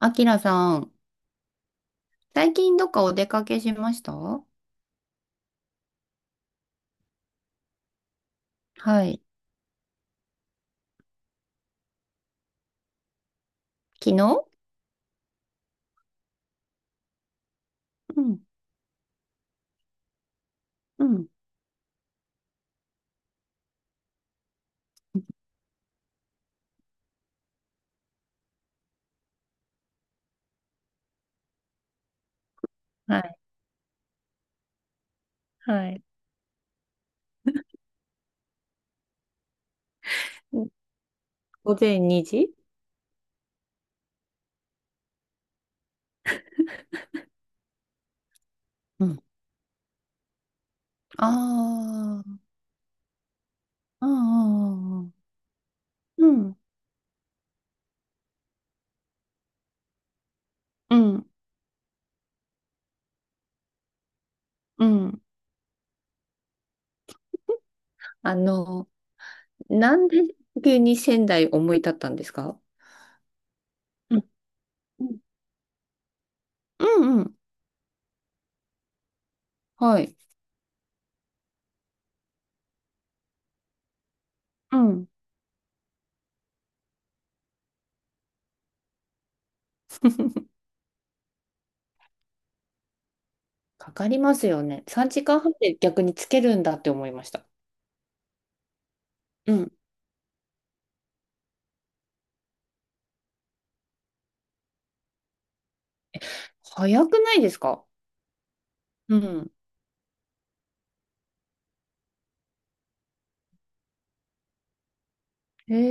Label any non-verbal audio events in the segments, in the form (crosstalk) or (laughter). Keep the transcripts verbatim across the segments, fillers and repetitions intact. あきらさん、最近どっかお出かけしましたはい。昨日、うん。うん。はい、はい。うん。ああ、うんうんうん。うん。うん。うん。あの、なんで急に仙台思い立ったんですか？うんうんうんうん。はい。うん。(laughs) かかりますよね。さんじかんはんで逆につけるんだって思いました。うん。早くないですか？うん。へ、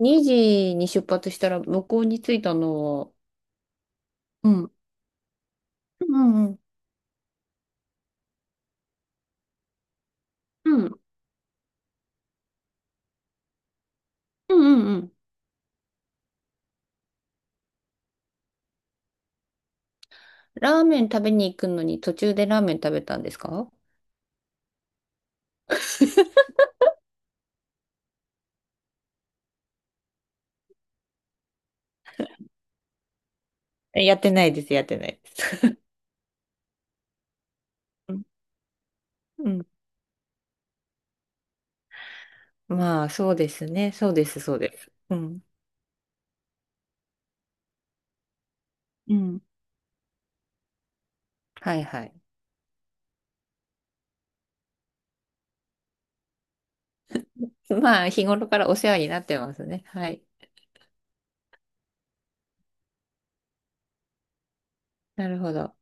にじに出発したら向こうに着いたのは、うん。うんうん。うん。うんうんうん。ラーメン食べに行くのに途中でラーメン食べたんですか？え、やってないです、やってないです。(laughs) うん。うん。まあ、そうですね。そうです、そうです。うん。うん。はいはい。まあ、日頃からお世話になってますね。はい。なるほど。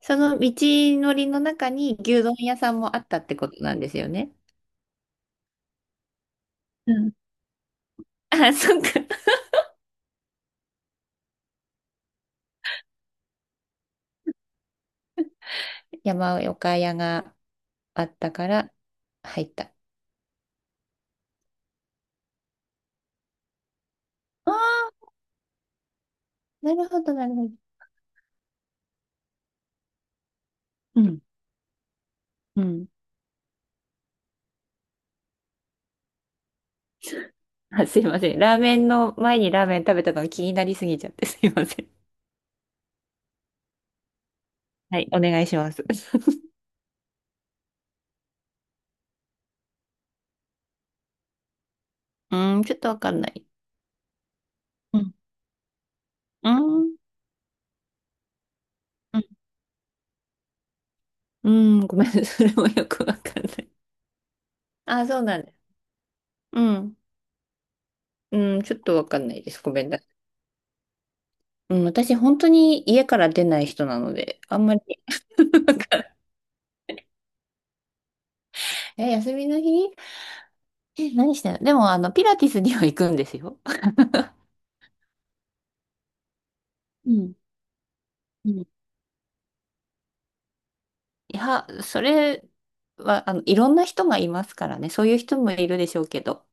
その道のりの中に牛丼屋さんもあったってことなんですよね。うん。(laughs) あ、そっか。山岡屋があったから入った。ああ、なるほど、なるほど。うん。うん。あ、すいません。ラーメンの前にラーメン食べたのが気になりすぎちゃってすいません。はい、お願いします。(laughs) うーん、ちょっとわかんない。うん。うーん。うん。うん、ごめん。(laughs) それもよくわかんない。あ、そうなんだ。うん。うん、ちょっとわかんないです。ごめんなさい。うん、私、本当に家から出ない人なので、あんまり。 (laughs) わかんない。 (laughs) え、休みの日？え、何してんので、も、あの、ピラティスには行くんですよ。うんうん。いや、それは、あの、いろんな人がいますからね。そういう人もいるでしょうけど、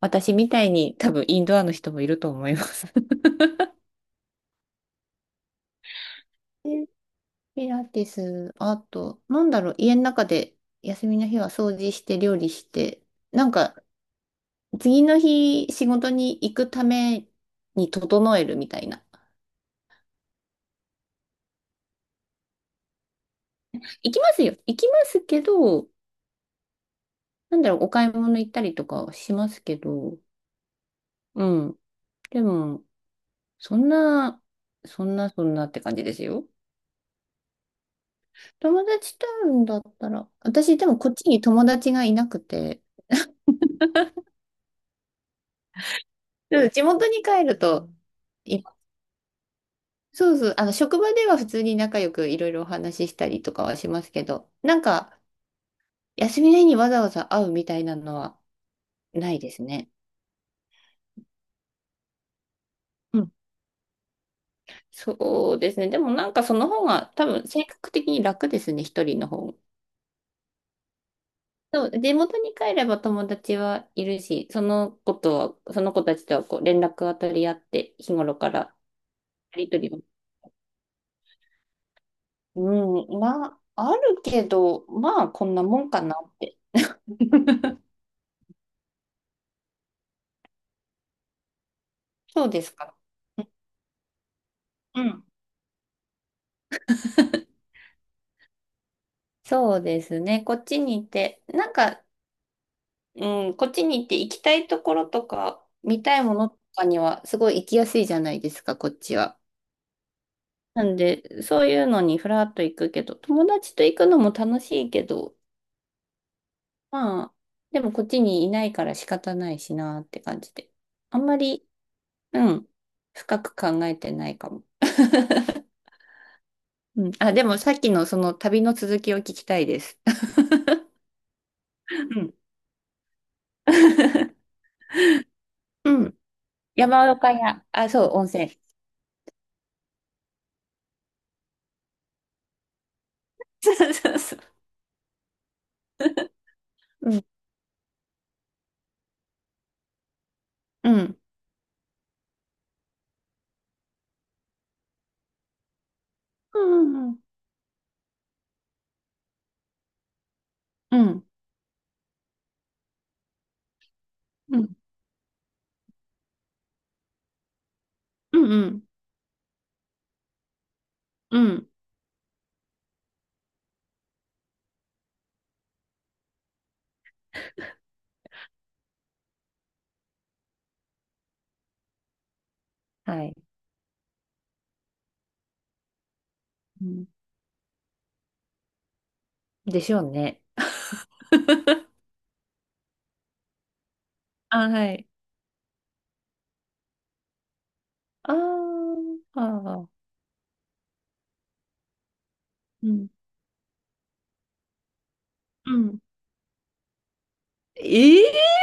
私みたいに多分インドアの人もいると思います。で、ピラティス、あと、なんだろう、家の中で休みの日は掃除して料理して、なんか、次の日仕事に行くために整えるみたいな。行きますよ。行きますけど、なんだろう、お買い物行ったりとかはしますけど、うん。でも、そんな、そんな、そんなって感じですよ。友達と会うんだったら、私でもこっちに友達がいなくて、うん、地元に帰ると、い、そうそう、あの、職場では普通に仲良くいろいろお話ししたりとかはしますけど、なんか、休みの日にわざわざ会うみたいなのはないですね。うん。そうですね。でもなんかその方が多分性格的に楽ですね、一人の方。そう、地元に帰れば友達はいるし、その子とは、その子たちとはこう連絡は取り合って、日頃からやりとりを、うん、まあ、あるけど、まあ、こんなもんかなって。そうですか。うん。そうですね。こっちに行って、なんか、うん、こっちに行って行きたいところとか、見たいものとかには、すごい行きやすいじゃないですか、こっちは。なんで、そういうのにふらっと行くけど、友達と行くのも楽しいけど、まあ、でもこっちにいないから仕方ないしなって感じで。あんまり、うん、深く考えてないかも。(laughs) うん、あ、でもさっきのその旅の続きを聞きたいです。うん。(laughs) うん。山岡屋。あ、そう、温泉。そうそうそう。うん。うん。うん。うんうん。うん。うん。うん。うん、はい。うん。でしょうね。あ、はい。あーあー。うん。うん。ええ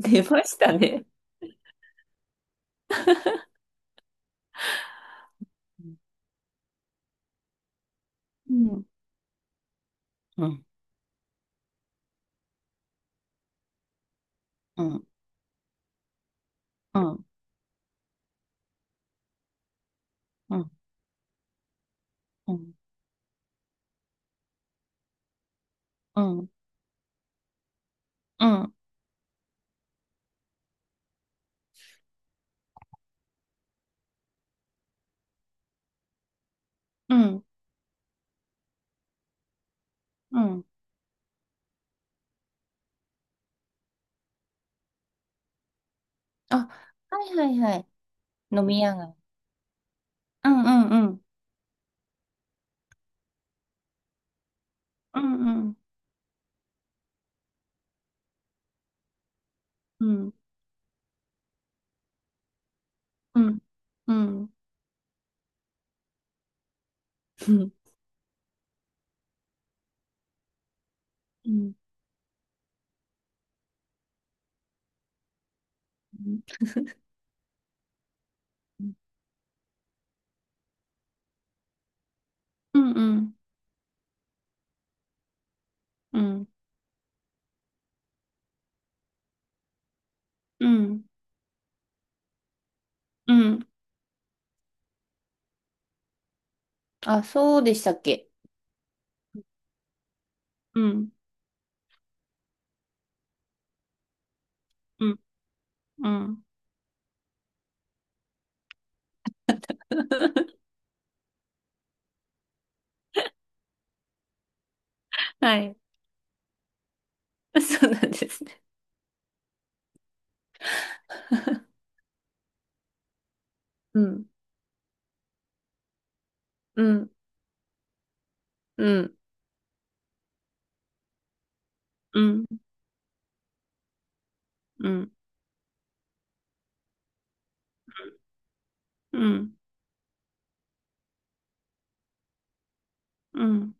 ー。 (laughs) 出ましたね。うん。うん。うん。うん。うん。うん。うん。うん。うん。うん、あ、はいはいはい。飲み屋街。うんうんうん。うんうんうん。うん。うん。うん。うんうんうん。うん。うん、あ、そうでしたっけ。うん。うん。うん。(laughs) はい。そうなんですね。うん。うん。うん。うん。うん。うん。うん。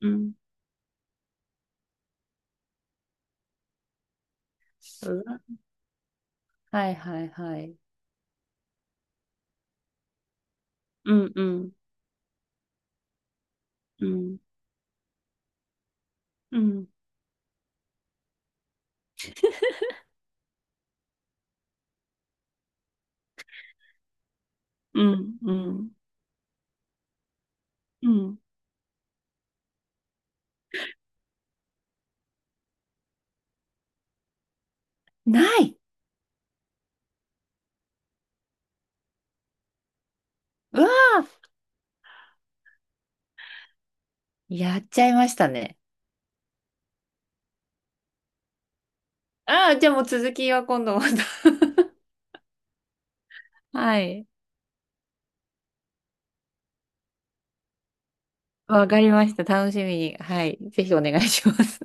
うん。うん、はいはいはい。うんうんうんうんうんうんうん。ない。うわあ、やっちゃいましたね。ああ、じゃあもう続きは今度また。 (laughs) はい。わかりました。楽しみに。はい。ぜひお願いします。